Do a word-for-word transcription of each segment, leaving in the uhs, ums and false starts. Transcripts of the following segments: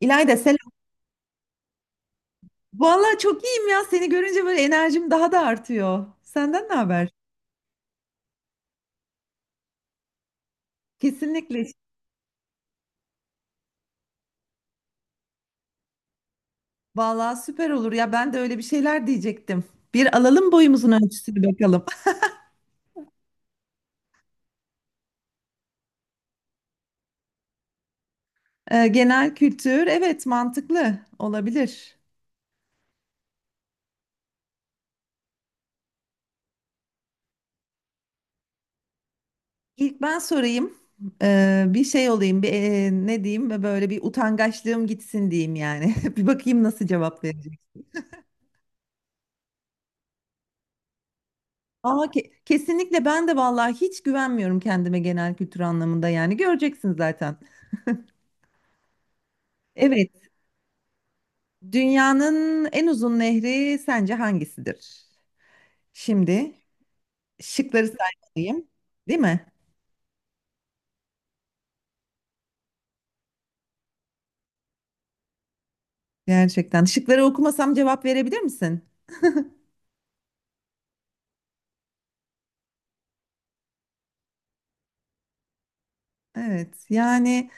İlayda selam. Vallahi çok iyiyim ya. Seni görünce böyle enerjim daha da artıyor. Senden ne haber? Kesinlikle. Vallahi süper olur ya. Ben de öyle bir şeyler diyecektim. Bir alalım boyumuzun ölçüsünü bakalım. Ee, genel kültür, evet, mantıklı olabilir. İlk ben sorayım. Ee, bir şey olayım. Bir, e, ne diyeyim? Böyle bir utangaçlığım gitsin diyeyim yani. Bir bakayım nasıl cevap verecek. Aa, ke- kesinlikle ben de vallahi hiç güvenmiyorum kendime genel kültür anlamında yani. Göreceksin zaten. Evet. Dünyanın en uzun nehri sence hangisidir? Şimdi şıkları saymalıyım, değil mi? Gerçekten. Şıkları okumasam cevap verebilir misin? Evet. Yani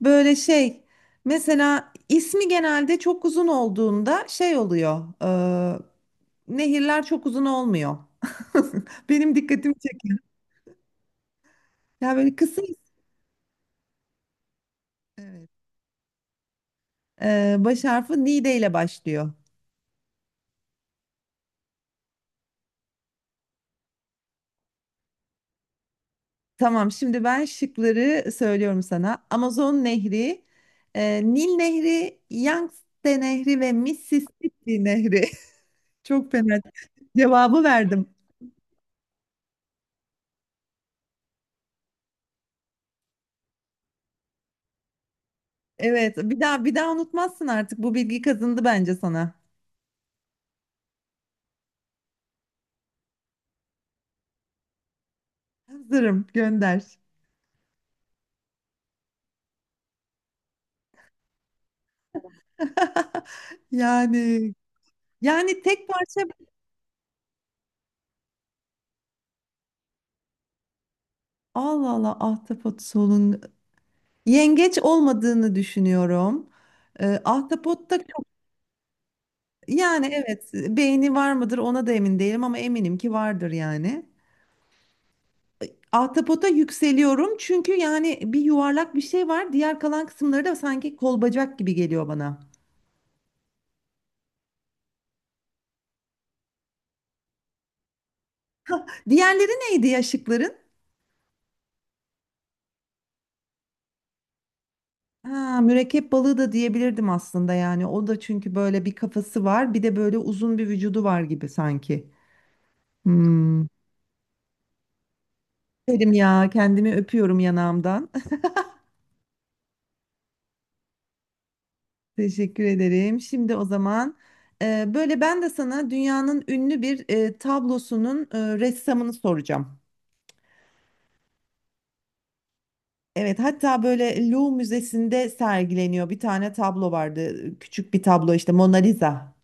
böyle şey, mesela ismi genelde çok uzun olduğunda şey oluyor. e, nehirler çok uzun olmuyor. Benim dikkatimi çekiyor. Ya böyle kısa. Evet. E, baş harfi Nide ile başlıyor. Tamam, şimdi ben şıkları söylüyorum sana. Amazon Nehri, e, Nil Nehri, Yangtze Nehri ve Mississippi Nehri. Çok fena cevabı verdim. Evet, bir daha bir daha unutmazsın artık. Bu bilgi kazındı bence sana. Hazırım, gönder. Yani yani tek parça. Allah Allah, ahtapot, solun, yengeç olmadığını düşünüyorum. E, ahtapotta Yani evet, beğeni var mıdır ona da emin değilim ama eminim ki vardır yani. Ahtapota yükseliyorum çünkü yani bir yuvarlak bir şey var. Diğer kalan kısımları da sanki kol bacak gibi geliyor bana. Diğerleri neydi ya şıkların? Ha, mürekkep balığı da diyebilirdim aslında yani. O da çünkü böyle bir kafası var, bir de böyle uzun bir vücudu var gibi sanki. Hmm. Derim ya, kendimi öpüyorum yanağımdan. Teşekkür ederim. Şimdi o zaman e, böyle ben de sana dünyanın ünlü bir e, tablosunun e, ressamını soracağım. Evet, hatta böyle Louvre Müzesi'nde sergileniyor. Bir tane tablo vardı. Küçük bir tablo, işte Mona Lisa.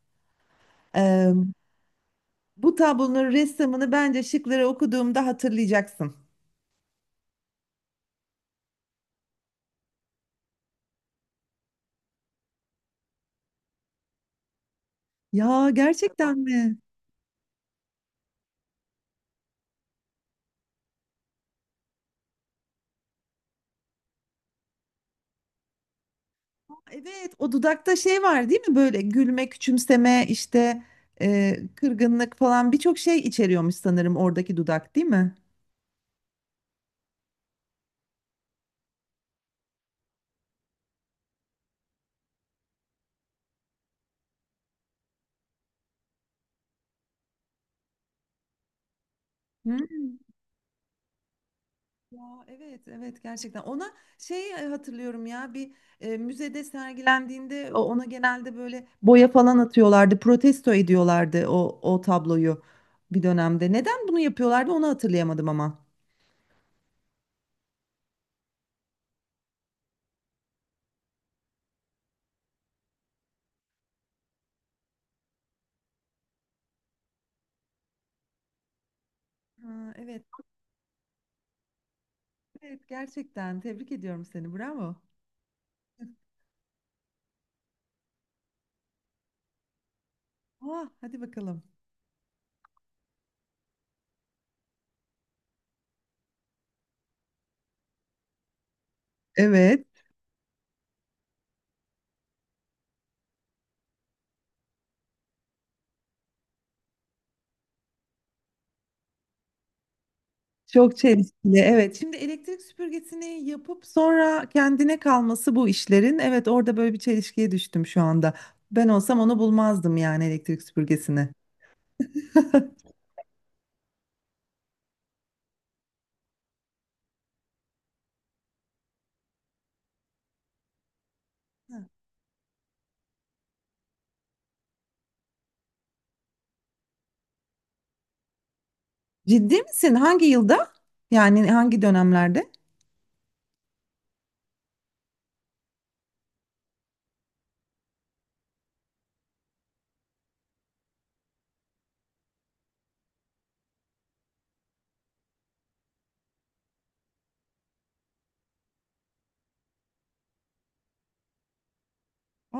E, bu tablonun ressamını bence şıkları okuduğumda hatırlayacaksın. Ya, gerçekten mi? Evet, o dudakta şey var değil mi? Böyle gülme, küçümseme, işte e, kırgınlık falan birçok şey içeriyormuş sanırım oradaki dudak, değil mi? Hı? Ya, evet, evet, gerçekten ona şey, e, hatırlıyorum ya bir e, müzede sergilendiğinde o- ona genelde böyle boya falan atıyorlardı, protesto ediyorlardı o, o tabloyu bir dönemde, neden bunu yapıyorlardı onu hatırlayamadım ama. Ha, evet, evet, gerçekten tebrik ediyorum seni, bravo. Ah, hadi bakalım. Evet. Çok çelişkili. Evet. Şimdi elektrik süpürgesini yapıp sonra kendine kalması bu işlerin. Evet, orada böyle bir çelişkiye düştüm şu anda. Ben olsam onu bulmazdım yani, elektrik süpürgesini. Hı. Ciddi misin? Hangi yılda? Yani hangi dönemlerde?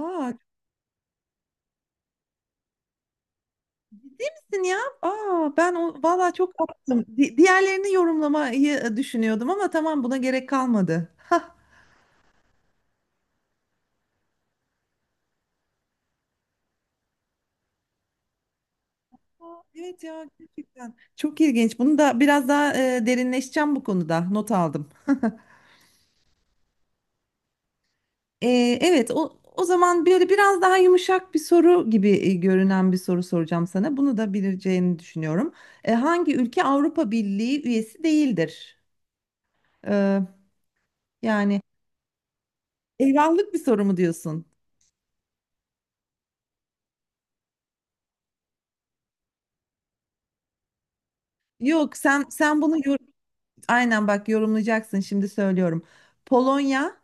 Aa, kimsin ya? Aa, ben o, vallahi çok kaptım. Di- diğerlerini yorumlamayı düşünüyordum ama tamam, buna gerek kalmadı. Aa, evet ya, gerçekten çok ilginç. Bunu da biraz daha e, derinleşeceğim bu konuda. Not aldım. Ee, evet o, o zaman böyle biraz daha yumuşak bir soru gibi e, görünen bir soru soracağım sana. Bunu da bileceğini düşünüyorum. Ee, hangi ülke Avrupa Birliği üyesi değildir? Ee, yani eyvahlık bir soru mu diyorsun? Yok, sen sen bunu yor- aynen bak, yorumlayacaksın, şimdi söylüyorum. Polonya,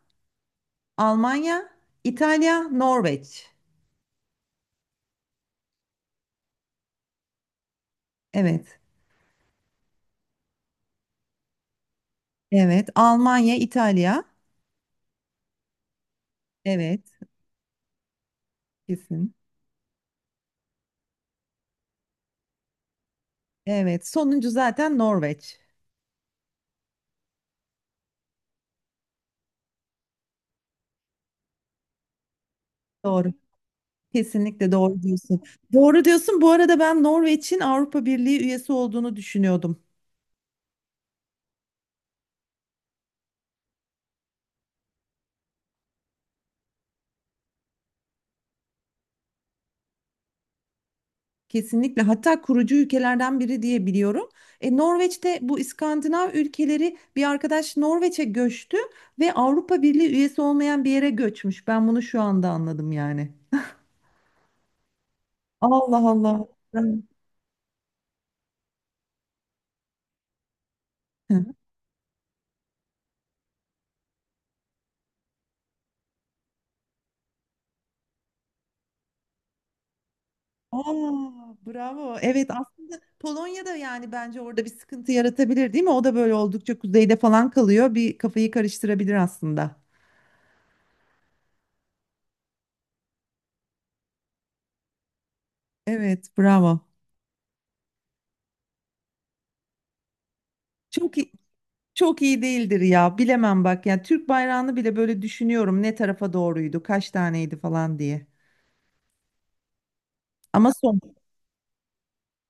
Almanya, İtalya, Norveç. Evet. Evet. Almanya, İtalya. Evet. Kesin. Evet. Sonuncu zaten Norveç. Doğru. Kesinlikle doğru diyorsun. Doğru diyorsun. Bu arada ben Norveç'in Avrupa Birliği üyesi olduğunu düşünüyordum. Kesinlikle. Hatta kurucu ülkelerden biri diye biliyorum. E, Norveç'te bu İskandinav ülkeleri, bir arkadaş Norveç'e göçtü ve Avrupa Birliği üyesi olmayan bir yere göçmüş. Ben bunu şu anda anladım yani. Allah Allah. Ben- Hı. Aa, bravo. Evet, aslında Polonya'da yani bence orada bir sıkıntı yaratabilir değil mi? O da böyle oldukça kuzeyde falan kalıyor. Bir kafayı karıştırabilir aslında. Evet, bravo. Çok iyi, çok iyi değildir ya. Bilemem bak. Yani Türk bayrağını bile böyle düşünüyorum, ne tarafa doğruydu, kaç taneydi falan diye. Ama sor.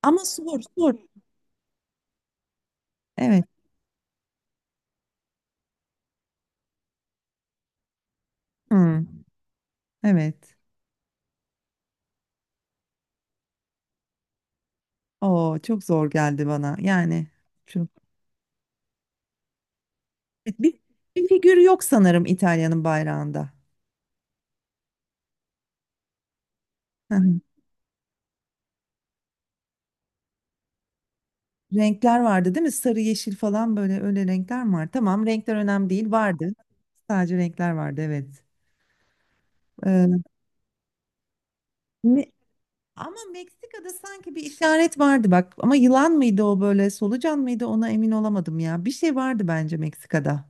Ama sor, sor. Evet. Hmm, evet. Oo, çok zor geldi bana. Yani çok bir, bir, figür yok sanırım İtalya'nın bayrağında. Hı hı. Renkler vardı değil mi? Sarı, yeşil falan, böyle öyle renkler mi var? Tamam, renkler önemli değil. Vardı. Sadece renkler vardı, evet. Ee, ne- Ama Meksika'da sanki bir işaret vardı bak. Ama yılan mıydı o, böyle solucan mıydı, ona emin olamadım ya. Bir şey vardı bence Meksika'da.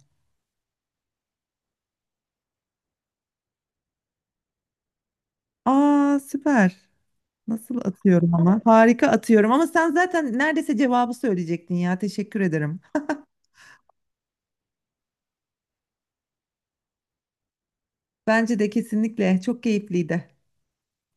Aa, süper. Nasıl atıyorum ama? Harika atıyorum ama sen zaten neredeyse cevabı söyleyecektin ya. Teşekkür ederim. Bence de kesinlikle çok keyifliydi.